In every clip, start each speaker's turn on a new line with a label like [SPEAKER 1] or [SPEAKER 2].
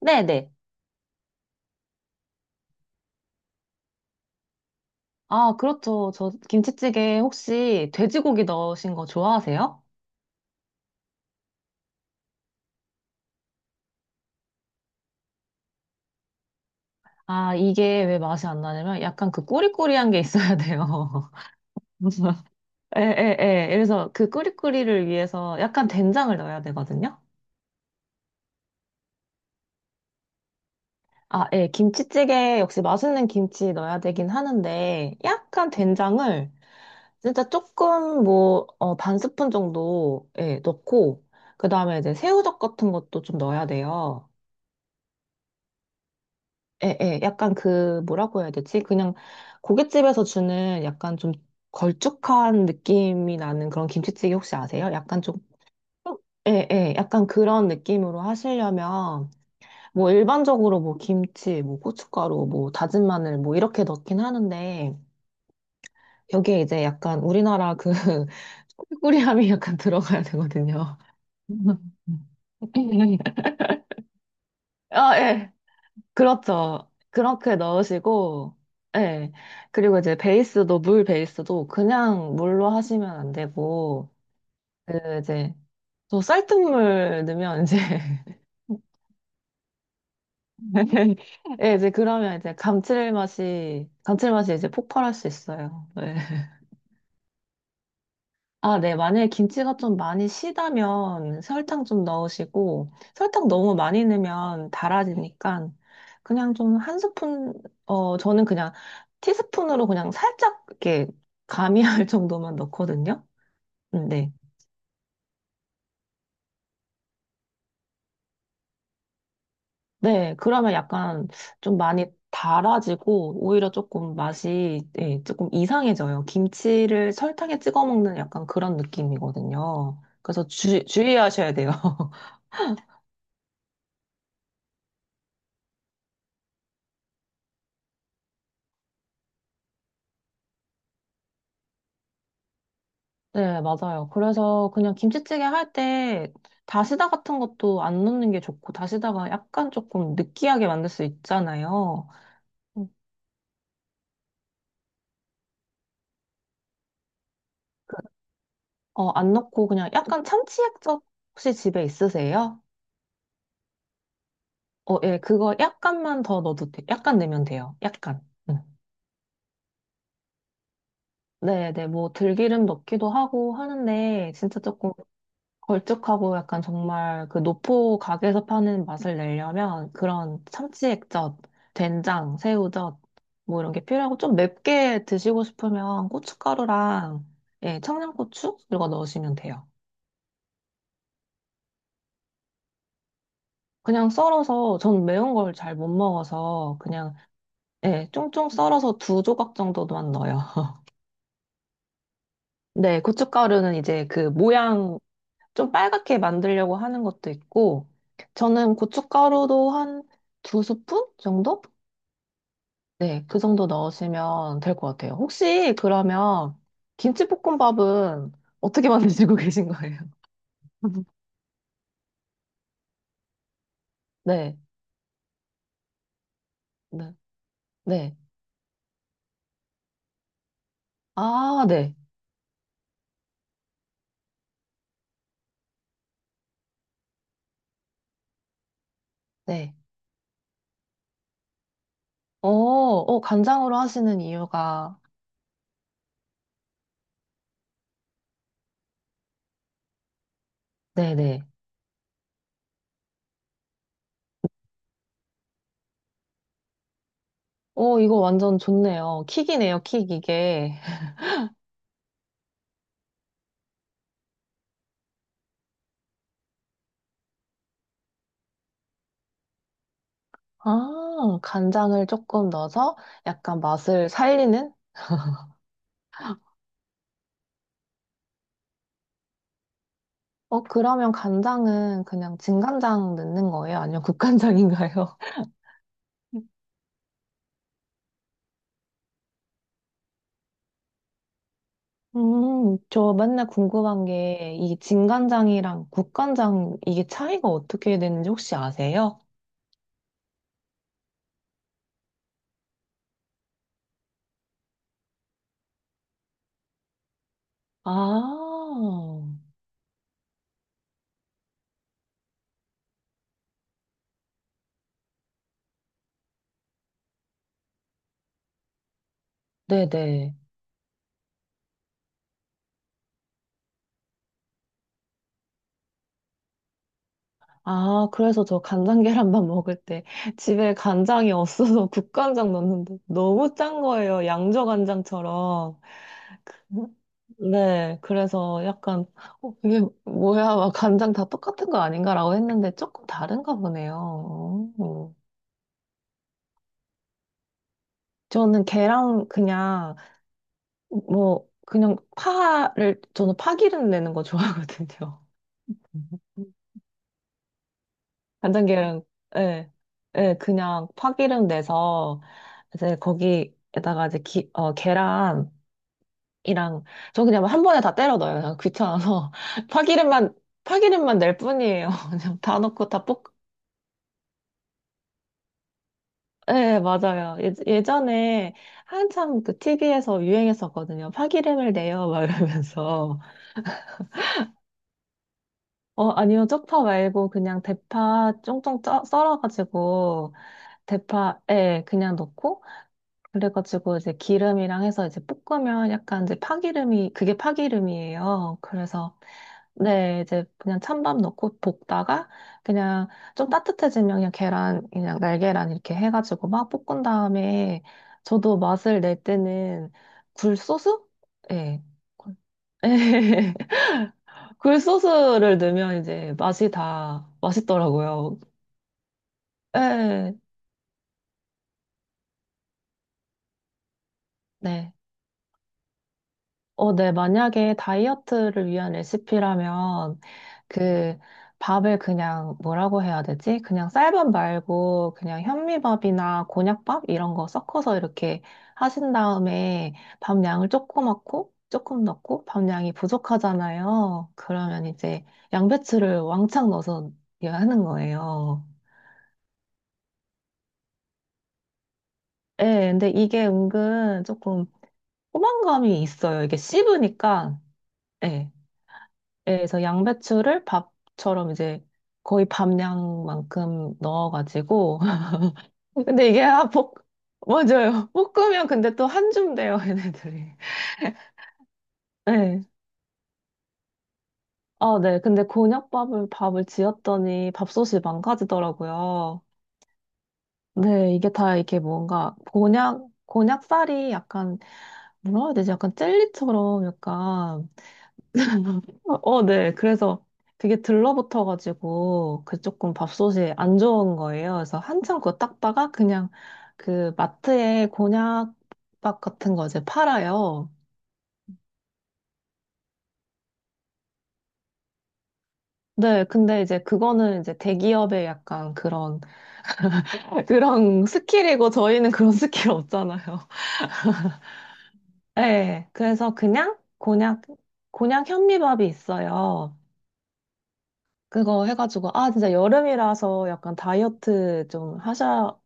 [SPEAKER 1] 네네. 아, 그렇죠. 저 김치찌개 혹시 돼지고기 넣으신 거 좋아하세요? 아, 이게 왜 맛이 안 나냐면 약간 그 꼬리꼬리한 게 있어야 돼요. 예, 예, 예. 그래서 그 꾸리꾸리를 위해서 약간 된장을 넣어야 되거든요. 아, 예. 김치찌개 역시 맛있는 김치 넣어야 되긴 하는데 약간 된장을 진짜 조금 뭐, 어, 반 스푼 정도 예, 넣고 그다음에 이제 새우젓 같은 것도 좀 넣어야 돼요. 에, 에, 약간 그, 뭐라고 해야 되지? 그냥 고깃집에서 주는 약간 좀 걸쭉한 느낌이 나는 그런 김치찌개 혹시 아세요? 약간 좀, 에, 에, 약간 그런 느낌으로 하시려면, 뭐 일반적으로 뭐 김치, 뭐 고춧가루, 뭐 다진 마늘, 뭐 이렇게 넣긴 하는데, 여기에 이제 약간 우리나라 그 꾸리리함이 약간 들어가야 되거든요. 아, 예. 그렇죠. 그렇게 넣으시고, 예. 그리고 이제 베이스도, 물 베이스도 그냥 물로 하시면 안 되고, 그 이제, 또 쌀뜨물 넣으면 이제, 예, 이제 그러면 이제 감칠맛이, 감칠맛이 이제 폭발할 수 있어요. 예. 아, 네. 만약에 김치가 좀 많이 시다면 설탕 좀 넣으시고, 설탕 너무 많이 넣으면 달아지니까, 그냥 좀 한 스푼, 어, 저는 그냥 티스푼으로 그냥 살짝 이렇게 가미할 정도만 넣거든요. 네. 네. 그러면 약간 좀 많이 달아지고, 오히려 조금 맛이, 예, 조금 이상해져요. 김치를 설탕에 찍어 먹는 약간 그런 느낌이거든요. 그래서 주의하셔야 돼요. 네, 맞아요. 그래서 그냥 김치찌개 할 때 다시다 같은 것도 안 넣는 게 좋고, 다시다가 약간 조금 느끼하게 만들 수 있잖아요. 음. 어, 안 넣고 그냥 약간 참치 액젓 혹시 집에 있으세요? 어, 예, 그거 약간만 더 넣어도 돼. 약간 넣으면 돼요. 약간. 음. 네, 네, 뭐 들기름 넣기도 하고 하는데, 진짜 조금 걸쭉하고 약간 정말 그 노포 가게에서 파는 맛을 내려면 그런 참치액젓, 된장, 새우젓 뭐 이런 게 필요하고 좀 맵게 드시고 싶으면 고춧가루랑 예, 청양고추 이거 넣으시면 돼요. 그냥 썰어서 전 매운 걸 잘 못 먹어서 그냥 예, 쫑쫑 썰어서 두 조각 정도만 넣어요. 네, 고춧가루는 이제 그 모양 좀 빨갛게 만들려고 하는 것도 있고 저는 고춧가루도 한 두 스푼 정도? 네, 그 정도 넣으시면 될 것 같아요. 혹시 그러면 김치볶음밥은 어떻게 만드시고 계신 거예요? 네, 네, 네. 아, 네, 네. 어, 어, 간장으로 하시는 이유가, 네네. 어, 이거 완전 좋네요. 킥이네요, 킥, 이게. 아, 간장을 조금 넣어서 약간 맛을 살리는? 어, 그러면 간장은 그냥 진간장 넣는 거예요? 아니면 국간장인가요? 저 맨날 궁금한 게, 이 진간장이랑 국간장, 이게 차이가 어떻게 되는지 혹시 아세요? 아, 네네. 아, 그래서 저 간장 계란밥 먹을 때 집에 간장이 없어서 국간장 넣었는데 너무 짠 거예요. 양조간장처럼. 네, 그래서 약간, 어, 이게 뭐야, 막 간장 다 똑같은 거 아닌가라고 했는데 조금 다른가 보네요. 어. 저는 계란 그냥 뭐 그냥 파를 저는 파기름 내는 거 좋아하거든요. 간장게랑 예, 예, 그냥 파기름 내서 이제 거기에다가 이제 기, 어, 계란이랑 저 그냥 한 번에 다 때려 넣어요. 그냥 귀찮아서 파기름만 파기름만 낼 뿐이에요. 그냥 다 넣고 다 볶. 예, 맞아요. 예, 예전에 한참 그 TV에서 유행했었거든요. 파기름을 내요, 막 이러면서. 어, 아니요. 쪽파 말고 그냥 대파 쫑쫑 썰어가지고 대파에 그냥 넣고 그래가지고 이제 기름이랑 해서 이제 볶으면 약간 이제 파기름이 그게 파기름이에요. 그래서 네, 이제 그냥 찬밥 넣고 볶다가 그냥 좀 따뜻해지면 그냥 계란 그냥 날계란 이렇게 해가지고 막 볶은 다음에 저도 맛을 낼 때는 굴소스? 예. 굴- 예. 굴소스를 넣으면 이제 맛이 다 맛있더라고요. 네, 네. 어, 네. 만약에 다이어트를 위한 레시피라면 그 밥을 그냥 뭐라고 해야 되지? 그냥 쌀밥 말고 그냥 현미밥이나 곤약밥 이런 거 섞어서 이렇게 하신 다음에 밥 양을 조금 넣고 밥 양이 부족하잖아요. 그러면 이제 양배추를 왕창 넣어서 하는 거예요. 예, 근데 이게 은근 조금 포만감이 있어요. 이게 씹으니까. 예. 예, 그래서 양배추를 밥처럼 이제 거의 밥량만큼 넣어가지고. 근데 이게 맞아요. 볶으면 근데 또 한줌 돼요, 얘네들이. 네. 아, 네. 근데 곤약밥을 밥을 지었더니 밥솥이 망가지더라고요. 네, 이게 다 이렇게 뭔가 곤약 곤약살이 약간 뭐라 해야 되지? 약간 젤리처럼 약간 어, 어, 네. 그래서 되게 들러붙어가지고 그 조금 밥솥이 안 좋은 거예요. 그래서 한참 그거 닦다가 그냥 그 마트에 곤약밥 같은 거 이제 팔아요. 네. 근데 이제 그거는 이제 대기업의 약간 그런, 그런 스킬이고 저희는 그런 스킬 없잖아요. 네. 그래서 그냥 곤약, 곤약 현미밥이 있어요. 그거 해가지고, 아, 진짜 여름이라서 약간 다이어트 좀 하셔,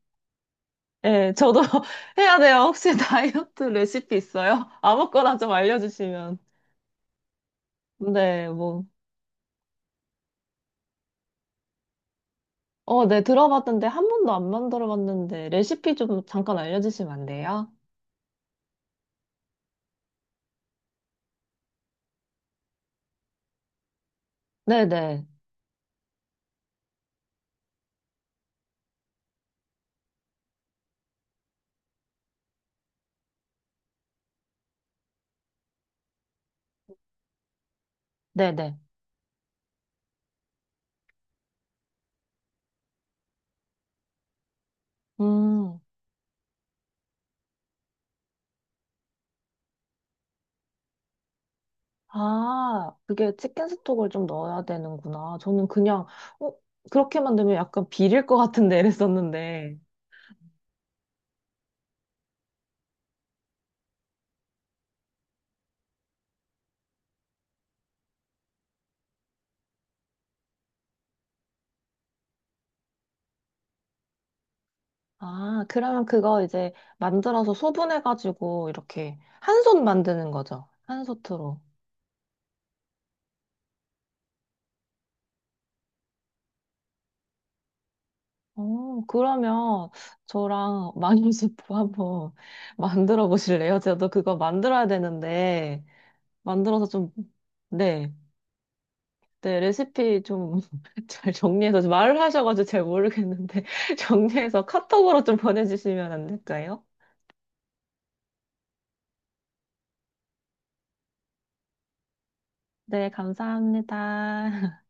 [SPEAKER 1] 예, 저도 해야 돼요. 혹시 다이어트 레시피 있어요? 아무거나 좀 알려주시면. 네, 뭐. 어, 네, 들어봤는데 한 번도 안 만들어 봤는데 레시피 좀 잠깐 알려주시면 안 돼요? 네네. 네네. 음. 아, 그게 치킨 스톡을 좀 넣어야 되는구나. 저는 그냥, 어, 그렇게 만들면 약간 비릴 것 같은데 이랬었는데. 아, 그러면 그거 이제 만들어서 소분해가지고 이렇게 한 손 만드는 거죠. 한 소트로. 어, 그러면 저랑 마녀수프 한번 만들어 보실래요? 저도 그거 만들어야 되는데, 만들어서 좀, 네. 네, 레시피 좀 잘 정리해서 말을 하셔가지고 잘 모르겠는데, 정리해서 카톡으로 좀 보내주시면 안 될까요? 네, 감사합니다.